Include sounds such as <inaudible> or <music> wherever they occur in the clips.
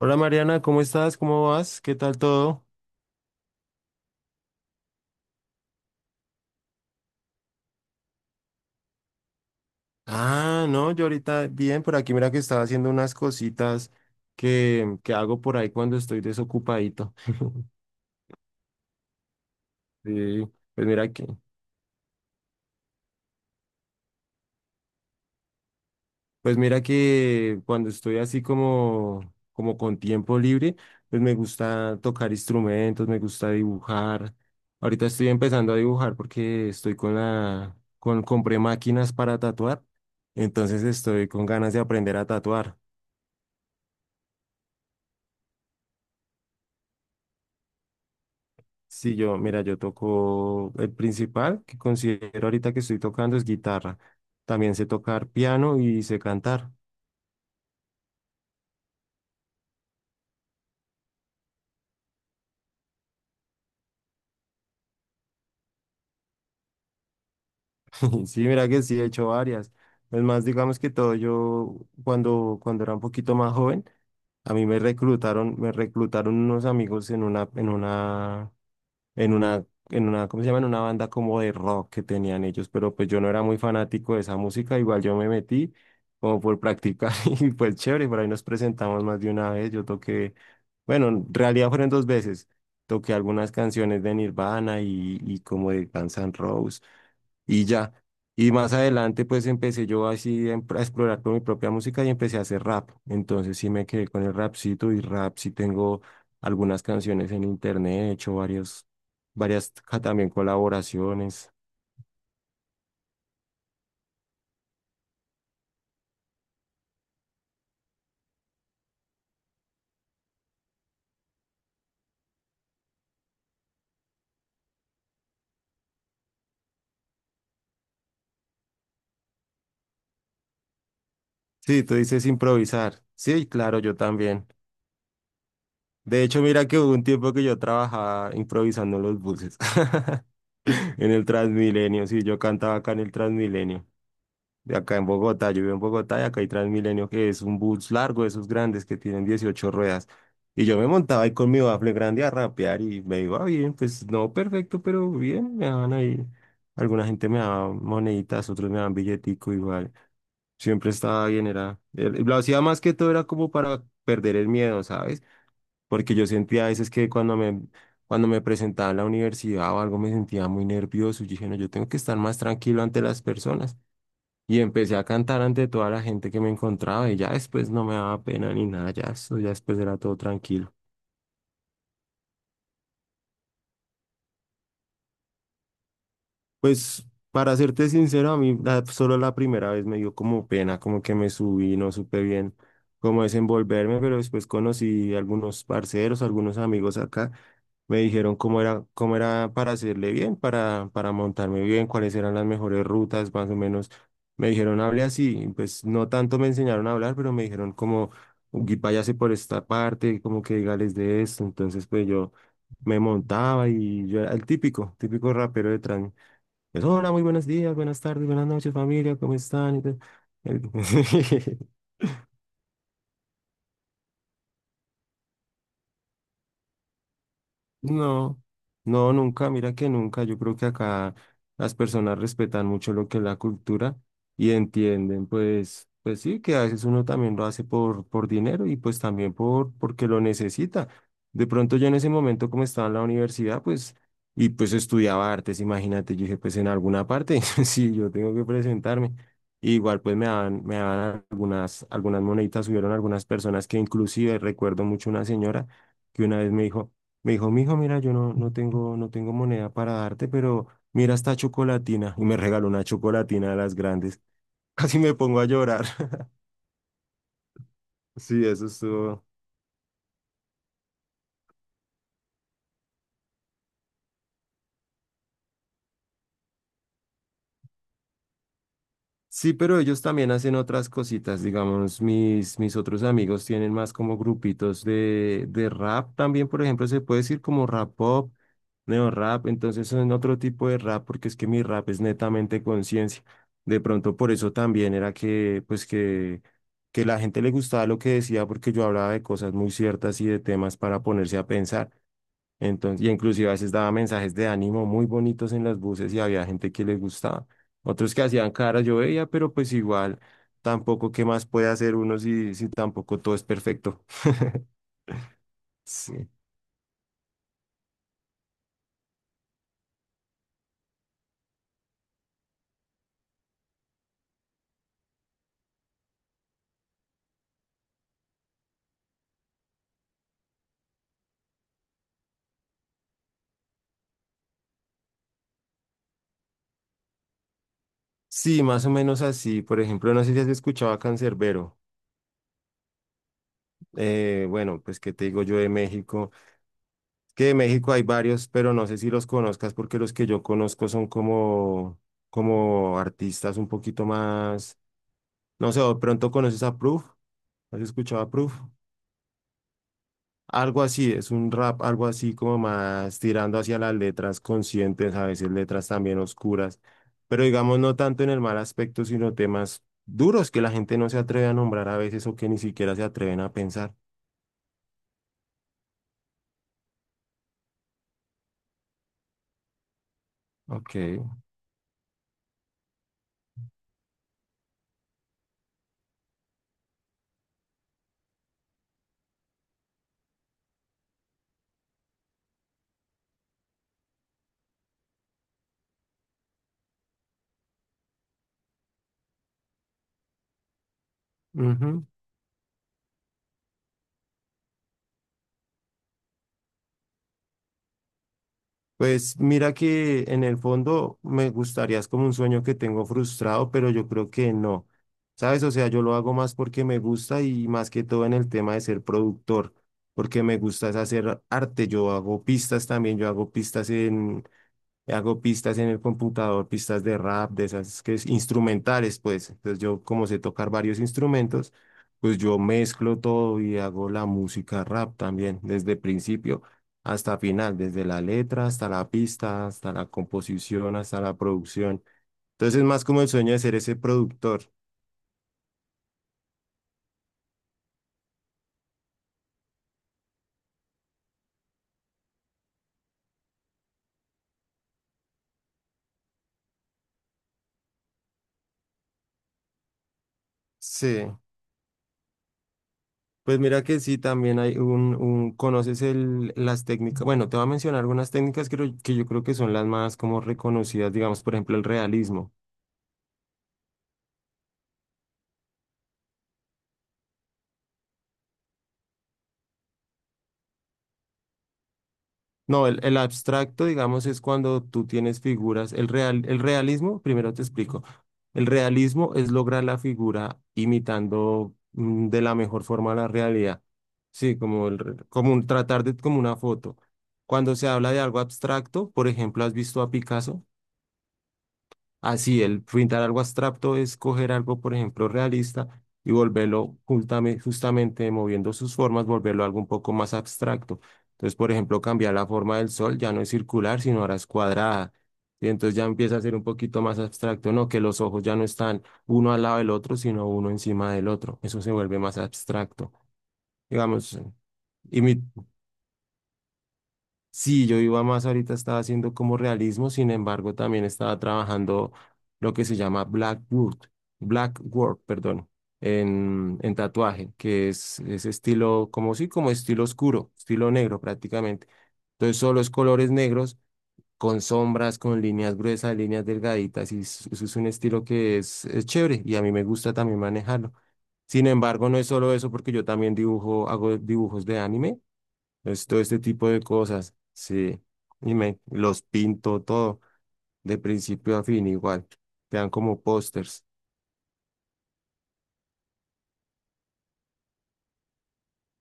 Hola Mariana, ¿cómo estás? ¿Cómo vas? ¿Qué tal todo? Ah, no, yo ahorita bien, por aquí mira que estaba haciendo unas cositas que hago por ahí cuando estoy desocupadito. <laughs> Sí, pues mira que, pues mira que cuando estoy así como con tiempo libre, pues me gusta tocar instrumentos, me gusta dibujar. Ahorita estoy empezando a dibujar porque estoy compré máquinas para tatuar, entonces estoy con ganas de aprender a tatuar. Sí, yo, mira, yo toco el principal que considero ahorita que estoy tocando es guitarra. También sé tocar piano y sé cantar. <laughs> Sí, mira que sí, he hecho varias. Es más, digamos que todo, yo cuando era un poquito más joven, a mí me reclutaron unos amigos en una, en una, ¿cómo se llama? En una banda como de rock que tenían ellos, pero pues yo no era muy fanático de esa música, igual yo me metí como por practicar <laughs> y pues chévere, por ahí nos presentamos más de una vez, yo toqué, bueno, en realidad fueron dos veces, toqué algunas canciones de Nirvana y como de Guns N' Roses y ya. Y más adelante pues empecé yo así a explorar con mi propia música y empecé a hacer rap. Entonces sí me quedé con el rapcito y rap sí tengo algunas canciones en internet, he hecho también colaboraciones. Sí, tú dices improvisar. Sí, claro, yo también. De hecho, mira que hubo un tiempo que yo trabajaba improvisando en los buses, <laughs> en el Transmilenio, sí, yo cantaba acá en el Transmilenio, de acá en Bogotá. Yo vivo en Bogotá y acá hay Transmilenio, que es un bus largo, de esos grandes que tienen 18 ruedas. Y yo me montaba ahí con mi bafle grande a rapear y me iba bien, pues no perfecto, pero bien, me daban ahí. Alguna gente me daba moneditas, otros me daban billetico igual. Siempre estaba bien, lo hacía más que todo era como para perder el miedo, ¿sabes? Porque yo sentía a veces que cuando me presentaba en la universidad o algo me sentía muy nervioso. Yo dije, no, yo tengo que estar más tranquilo ante las personas. Y empecé a cantar ante toda la gente que me encontraba y ya después no me daba pena ni nada, ya eso, ya después era todo tranquilo. Pues para serte sincero, a mí solo la primera vez me dio como pena, como que me subí, no supe bien cómo desenvolverme, pero después conocí algunos parceros, algunos amigos acá, me dijeron cómo era para hacerle bien, para montarme bien, cuáles eran las mejores rutas, más o menos. Me dijeron, hable así, y pues no tanto me enseñaron a hablar, pero me dijeron como, "Gui, váyase por esta parte, como que dígales de esto". Entonces pues yo me montaba y yo era el típico, típico rapero de trans. Pues, hola, muy buenos días, buenas tardes, buenas noches, familia, ¿cómo están? El- <laughs> No, no, nunca, mira que nunca. Yo creo que acá las personas respetan mucho lo que es la cultura y entienden, pues sí, que a veces uno también lo hace por dinero y pues también porque lo necesita. De pronto yo en ese momento como estaba en la universidad, pues, y pues estudiaba artes, imagínate, yo dije, pues en alguna parte, <laughs> sí, yo tengo que presentarme. Igual pues me daban algunas moneditas, hubieron algunas personas que inclusive recuerdo mucho una señora que una vez me dijo, mijo, mira, yo no tengo moneda para darte, pero mira esta chocolatina. Y me regaló una chocolatina de las grandes. <laughs> Casi me pongo a llorar. <laughs> Sí, eso estuvo. Sí, pero ellos también hacen otras cositas, digamos, mis otros amigos tienen más como grupitos de rap también, por ejemplo, se puede decir como rap pop, neo rap, entonces son otro tipo de rap porque es que mi rap es netamente conciencia. De pronto por eso también era que la gente le gustaba lo que decía porque yo hablaba de cosas muy ciertas y de temas para ponerse a pensar. Entonces, y inclusive a veces daba mensajes de ánimo muy bonitos en las buses y había gente que les gustaba. Otros que hacían caras, yo veía, pero pues igual tampoco qué más puede hacer uno si tampoco todo es perfecto. Sí. Sí, más o menos así. Por ejemplo, no sé si has escuchado a Cancerbero. Bueno, pues qué te digo yo de México. Que de México hay varios, pero no sé si los conozcas porque los que yo conozco son como artistas un poquito más. No sé, ¿o de pronto conoces a Proof? ¿Has escuchado a Proof? Algo así, es un rap, algo así como más tirando hacia las letras conscientes, a veces letras también oscuras, pero digamos no tanto en el mal aspecto, sino temas duros que la gente no se atreve a nombrar a veces o que ni siquiera se atreven a pensar. Ok. Ujú. Pues mira que en el fondo me gustaría, es como un sueño que tengo frustrado, pero yo creo que no. ¿Sabes? O sea, yo lo hago más porque me gusta y más que todo en el tema de ser productor, porque me gusta es hacer arte. Yo hago pistas también, yo hago pistas en, Hago pistas en el computador, pistas de rap, de esas que es instrumentales, pues. Entonces yo, como sé tocar varios instrumentos, pues yo mezclo todo y hago la música rap también, desde principio hasta final, desde la letra hasta la pista, hasta la composición, hasta la producción. Entonces es más como el sueño de ser ese productor. Sí. Pues mira que sí, también hay un conoces las técnicas, bueno, te voy a mencionar algunas técnicas que yo creo que son las más como reconocidas, digamos, por ejemplo, el realismo. No, el abstracto, digamos, es cuando tú tienes figuras. El realismo, primero te explico. El realismo es lograr la figura imitando de la mejor forma la realidad. Sí, como tratar de como una foto. Cuando se habla de algo abstracto, por ejemplo, ¿has visto a Picasso? Así, el pintar algo abstracto es coger algo, por ejemplo, realista y volverlo justamente, moviendo sus formas, volverlo algo un poco más abstracto. Entonces, por ejemplo, cambiar la forma del sol, ya no es circular, sino ahora es cuadrada. Y entonces ya empieza a ser un poquito más abstracto, ¿no? Que los ojos ya no están uno al lado del otro, sino uno encima del otro. Eso se vuelve más abstracto. Digamos. Sí, yo iba más ahorita, estaba haciendo como realismo, sin embargo, también estaba trabajando lo que se llama Blackwood, Blackwork, perdón, en tatuaje, que es estilo, como sí, como estilo oscuro, estilo negro prácticamente. Entonces, solo es colores negros con sombras, con líneas gruesas, líneas delgaditas, y eso es un estilo que es chévere y a mí me gusta también manejarlo. Sin embargo, no es solo eso, porque yo también dibujo, hago dibujos de anime, es todo este tipo de cosas, sí, y me los pinto todo, de principio a fin igual, quedan como pósters.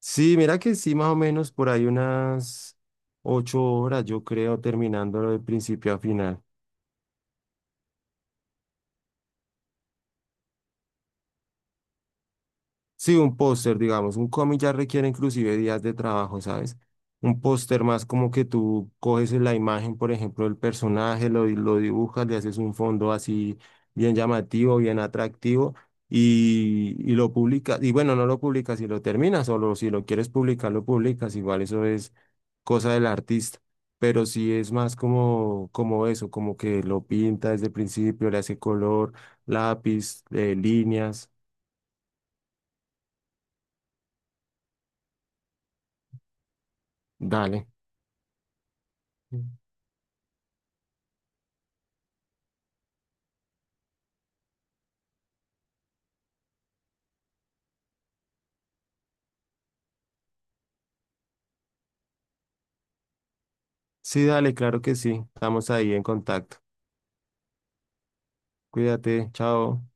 Sí, mira que sí, más o menos por ahí unas 8 horas, yo creo, terminándolo de principio a final. Sí, un póster, digamos, un cómic ya requiere inclusive días de trabajo, ¿sabes? Un póster más como que tú coges la imagen, por ejemplo, del personaje, lo dibujas, le haces un fondo así bien llamativo, bien atractivo y lo publicas. Y bueno, no lo publicas si lo terminas, solo si lo quieres publicar, lo publicas. Igual eso es cosa del artista. Pero sí es más como, eso, como que lo pinta desde el principio, le hace color, lápiz, líneas, dale. Sí, dale, claro que sí. Estamos ahí en contacto. Cuídate, chao.